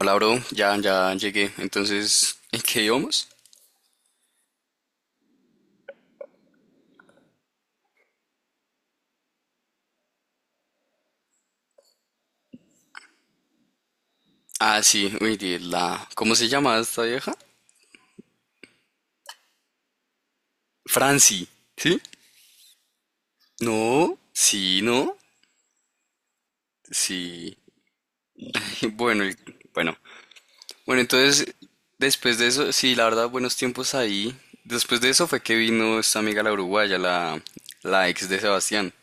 Hola, bro. Ya llegué. Entonces, ¿en qué íbamos? Ah, sí. Uy, la... ¿Cómo se llama esta vieja? Franci. ¿Sí? No. Sí, no. Sí. Bueno, y- bueno. Bueno, entonces, después de eso, sí, la verdad, buenos tiempos ahí. Después de eso fue que vino esta amiga la uruguaya, la ex de Sebastián.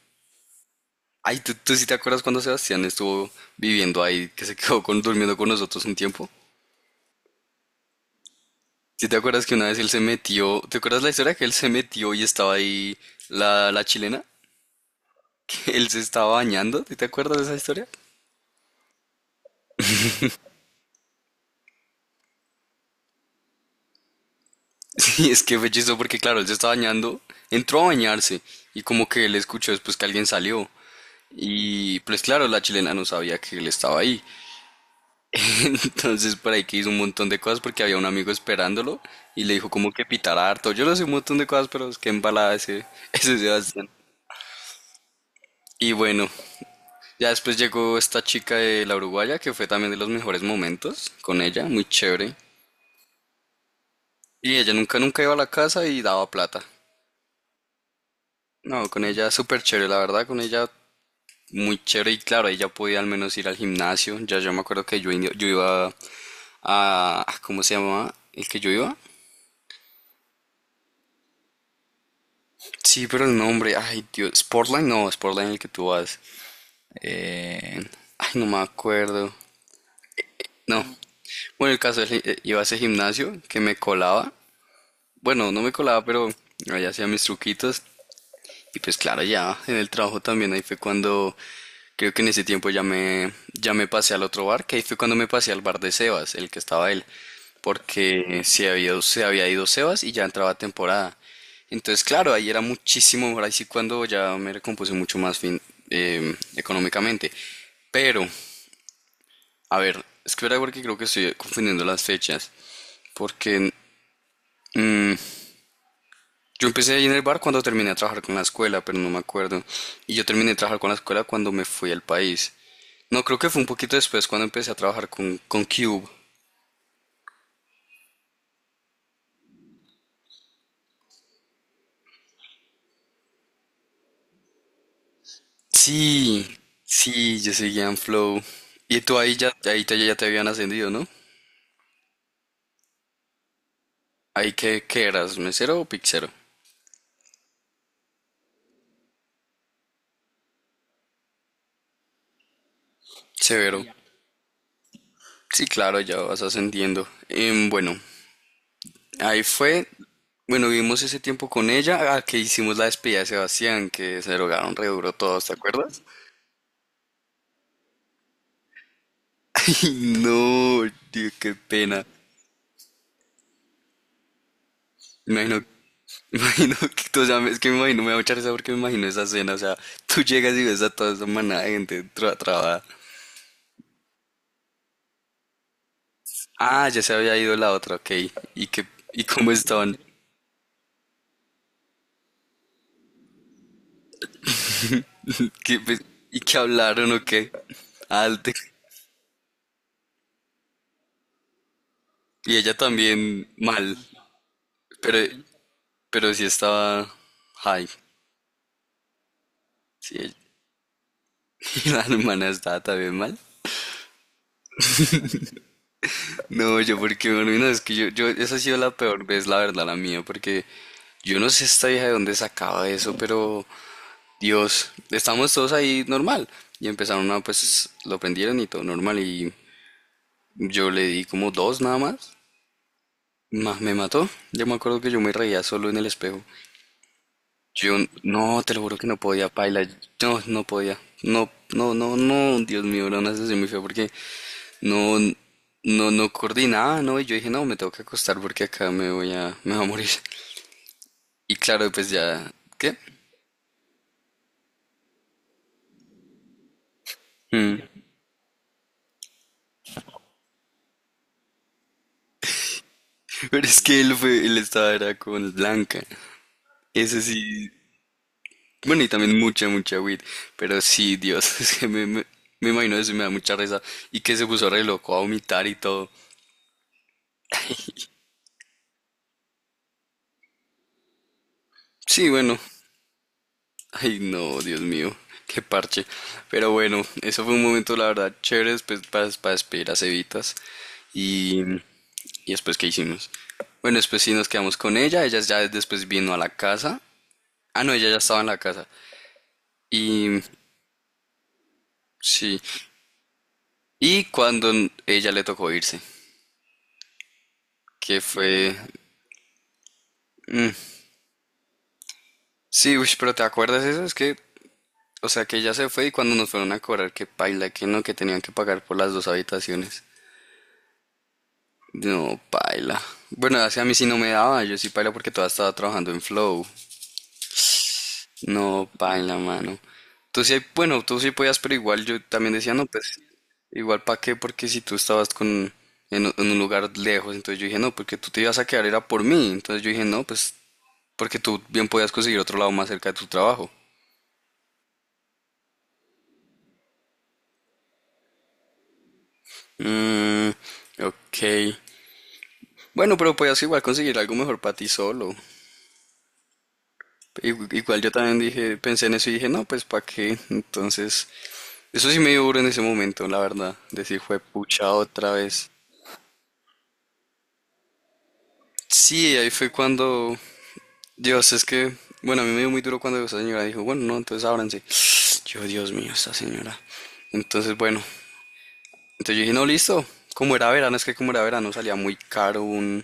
Ay, ¿tú sí te acuerdas cuando Sebastián estuvo viviendo ahí, que se quedó con, durmiendo con nosotros un tiempo? Si te acuerdas que una vez él se metió, ¿te acuerdas la historia que él se metió y estaba ahí la chilena? Que él se estaba bañando, ¿sí ¿te acuerdas de esa historia? Sí, es que fue chistoso porque claro, él se estaba bañando, entró a bañarse y como que él escuchó después que alguien salió y pues claro, la chilena no sabía que él estaba ahí. Entonces por ahí que hizo un montón de cosas porque había un amigo esperándolo y le dijo como que pitara harto. Yo no sé un montón de cosas, pero es que embalada ese, ese Sebastián. Y bueno. Ya después llegó esta chica de la Uruguaya, que fue también de los mejores momentos con ella, muy chévere. Y ella nunca, nunca iba a la casa y daba plata. No, con ella súper chévere, la verdad, con ella muy chévere y claro, ella podía al menos ir al gimnasio. Ya yo me acuerdo que yo, yo iba a, ¿Cómo se llamaba? ¿El que yo iba? Sí, pero el nombre, ay Dios, Sportline, no, Sportline el que tú vas. Eh, ay, no me acuerdo. No. Bueno, el caso es que iba a ese gimnasio que me colaba. Bueno, no me colaba, pero allá hacía mis truquitos. Y pues claro, ya en el trabajo también, ahí fue cuando creo que en ese tiempo ya me pasé al otro bar, que ahí fue cuando me pasé al bar de Sebas, el que estaba él, porque se había ido Sebas y ya entraba temporada. Entonces, claro, ahí era muchísimo mejor, ahí sí cuando ya me recompuse mucho más fin, económicamente. Pero, a ver, es que verdad porque creo que estoy confundiendo las fechas, porque mm, yo empecé ahí en el bar cuando terminé a trabajar con la escuela, pero no me acuerdo. Y yo terminé de trabajar con la escuela cuando me fui al país. No, creo que fue un poquito después cuando empecé a trabajar con Cube. Sí, sí, yo seguía en Flow. Y tú ahí ya, ahí te, ya te habían ascendido, ¿no? Ahí que, qué eras, mesero o pixero? Severo. Sí, claro, ya vas ascendiendo. Bueno, ahí fue. Bueno, vivimos ese tiempo con ella, ah, que hicimos la despedida de Sebastián, que se drogaron re duro todos, ¿te acuerdas? No, tío, qué pena. Me imagino, me imagino que, tú, o sea, es que me imagino, me da mucha risa porque me imagino esa escena, o sea, tú llegas y ves a toda esa manada de gente trabada. Ah, ya se había ido la otra, ok. ¿Y qué, y cómo estaban? ¿Qué, pues, y qué hablaron o qué? Alte. Y ella también mal, pero, pero sí estaba high. Sí, y la hermana estaba también mal. No, yo porque, bueno, no, es que yo, esa ha sido la peor vez, la verdad, la mía, porque yo no sé esta vieja de dónde sacaba eso, pero Dios, estamos todos ahí normal. Y empezaron a, pues, lo prendieron y todo normal, y yo le di como dos nada más. Me mató. Yo me acuerdo que yo me reía solo en el espejo. Yo, no, te lo juro que no podía, paila. No, no podía. No, no, no, no, Dios mío, era una sensación muy fea porque no, no, no coordinaba, ¿no? Y yo dije, no, me tengo que acostar porque acá me voy a morir. Y claro, pues ya, ¿qué? Mm. Pero es que él fue, él estaba era con Blanca. Ese sí, bueno, y también mucha, mucha weed. Pero sí, Dios, es que me imagino eso y me da mucha risa. Y que se puso re loco a vomitar y todo. Sí, bueno, ay no, Dios mío, qué parche. Pero bueno, eso fue un momento, la verdad, chévere, pues para despedir a Cevitas. Y. ¿Y después qué hicimos? Bueno, después sí nos quedamos con ella. Ella ya después vino a la casa. Ah, no, ella ya estaba en la casa. Y sí. Y cuando ella le tocó irse, que fue... Sí, uy, pero ¿te acuerdas eso? Es que, o sea, que ella se fue y cuando nos fueron a cobrar, que paila, que no, que tenían que pagar por las dos habitaciones. No, paila. Bueno, así a mí sí no me daba, yo sí paila porque todavía estaba trabajando en Flow. No, paila, mano. Tú sí, bueno, tú sí podías, pero igual yo también decía, no, pues, igual para qué, porque si tú estabas con, un en un lugar lejos, entonces yo dije, no, porque tú te ibas a quedar era por mí. Entonces yo dije, no, pues, porque tú bien podías conseguir otro lado más cerca de tu trabajo. Mm, ok. Bueno, pero podías igual conseguir algo mejor para ti solo. Igual yo también dije, pensé en eso y dije, no, pues para qué. Entonces, eso sí me dio duro en ese momento, la verdad. Decir, fue pucha otra vez. Sí, ahí fue cuando, Dios, es que, bueno, a mí me dio muy duro cuando esa señora dijo, bueno, no, entonces ábranse. Yo, Dios mío, esta señora. Entonces, bueno, entonces yo dije, no, listo. Como era verano, es que como era verano salía muy caro un,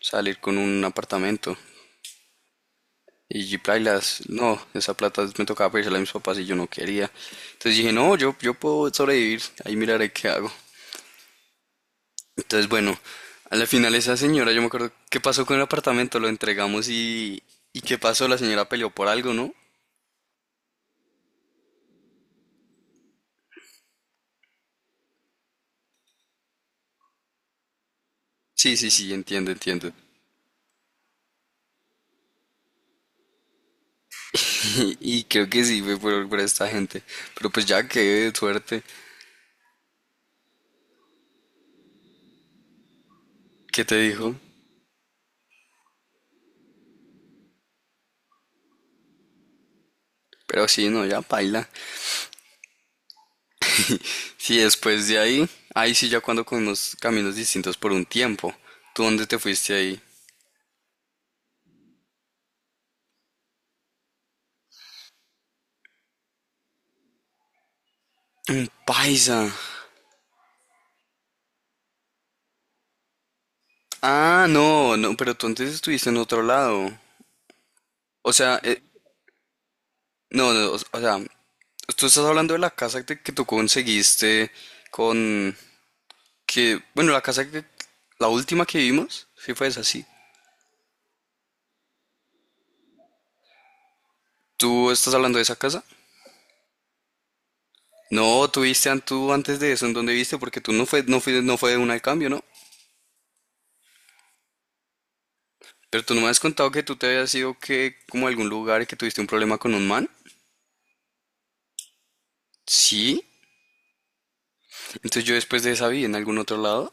salir con un apartamento. Y plailas, no, esa plata me tocaba pedírsela a mis papás y yo no quería. Entonces dije, no, yo puedo sobrevivir, ahí miraré qué hago. Entonces, bueno, a la final esa señora, yo me acuerdo, ¿qué pasó con el apartamento? Lo entregamos y... ¿Y qué pasó? La señora peleó por algo, ¿no? Sí, sí, sí, entiendo, entiendo. Y creo que sí fue por esta gente. Pero pues ya, qué suerte. ¿Qué te dijo? Pero sí, no, ya paila. Sí, después de ahí, ahí sí ya cuando con unos caminos distintos por un tiempo. ¿Tú dónde te fuiste ahí? Paisa. Ah, no, no, pero tú antes estuviste en otro lado. O sea, no, no, o sea, tú estás hablando de la casa que tú conseguiste con que, bueno, la casa que, la última que vimos, sí fue esa, sí. ¿Tú estás hablando de esa casa? No, tú viste tú antes de eso, ¿en dónde viste? Porque tú no fue, no fue, no fue de una al cambio, ¿no? Pero tú no me has contado que tú te habías ido que, como a algún lugar y que tuviste un problema con un man. Sí. Entonces yo después de esa vi en algún otro lado.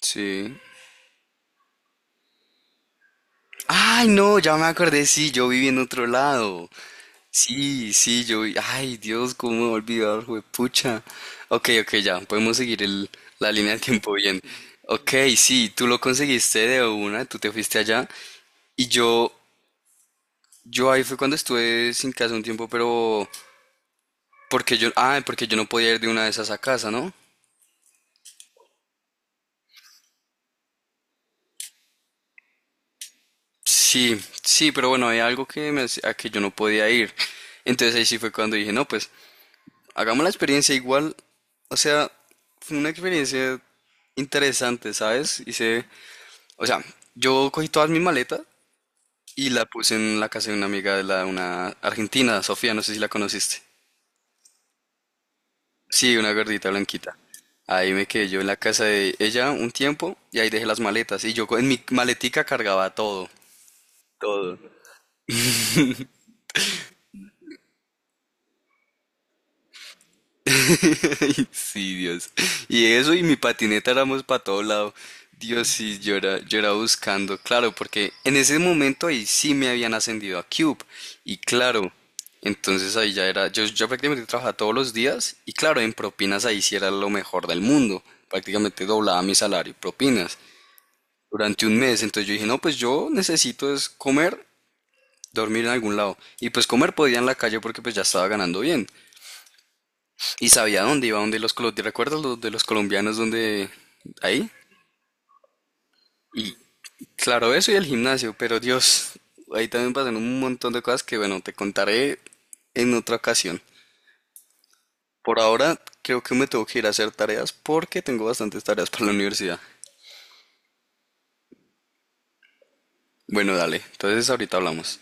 Sí. Ay, no, ya me acordé, sí, yo viví en otro lado. Sí, sí, yo vi. Ay, Dios, cómo me voy a olvidar, juepucha. Ok, ok, ya, podemos seguir el, la línea de tiempo bien. Ok, sí, tú lo conseguiste de una, tú te fuiste allá. Y yo ahí fue cuando estuve sin casa un tiempo, pero porque yo, ah, porque yo no podía ir de una de esas a casa, ¿no? Sí, sí, pero bueno, había algo que me a que yo no podía ir. Entonces ahí sí fue cuando dije, no, pues, hagamos la experiencia igual. O sea, fue una experiencia interesante, ¿sabes? Hice. O sea, yo cogí todas mis maletas y la puse en la casa de una amiga de la, una argentina, Sofía, no sé si la conociste. Sí, una gordita blanquita. Ahí me quedé yo en la casa de ella un tiempo y ahí dejé las maletas. Y yo en mi maletica cargaba todo. Sí, Dios. Y eso y mi patineta éramos para todo lado. Dios, sí, yo era buscando, claro, porque en ese momento ahí sí me habían ascendido a Cube. Y claro, entonces ahí ya era, yo prácticamente trabajaba todos los días y claro, en propinas ahí sí era lo mejor del mundo. Prácticamente doblaba mi salario, en propinas, durante un mes. Entonces yo dije, no, pues yo necesito es comer, dormir en algún lado. Y pues comer podía en la calle porque pues ya estaba ganando bien. Y sabía dónde iba, donde los, ¿te recuerdas los de los colombianos donde ahí? Y claro, eso y el gimnasio, pero Dios, ahí también pasan un montón de cosas que bueno, te contaré en otra ocasión. Por ahora creo que me tengo que ir a hacer tareas porque tengo bastantes tareas para la universidad. Bueno, dale, entonces ahorita hablamos.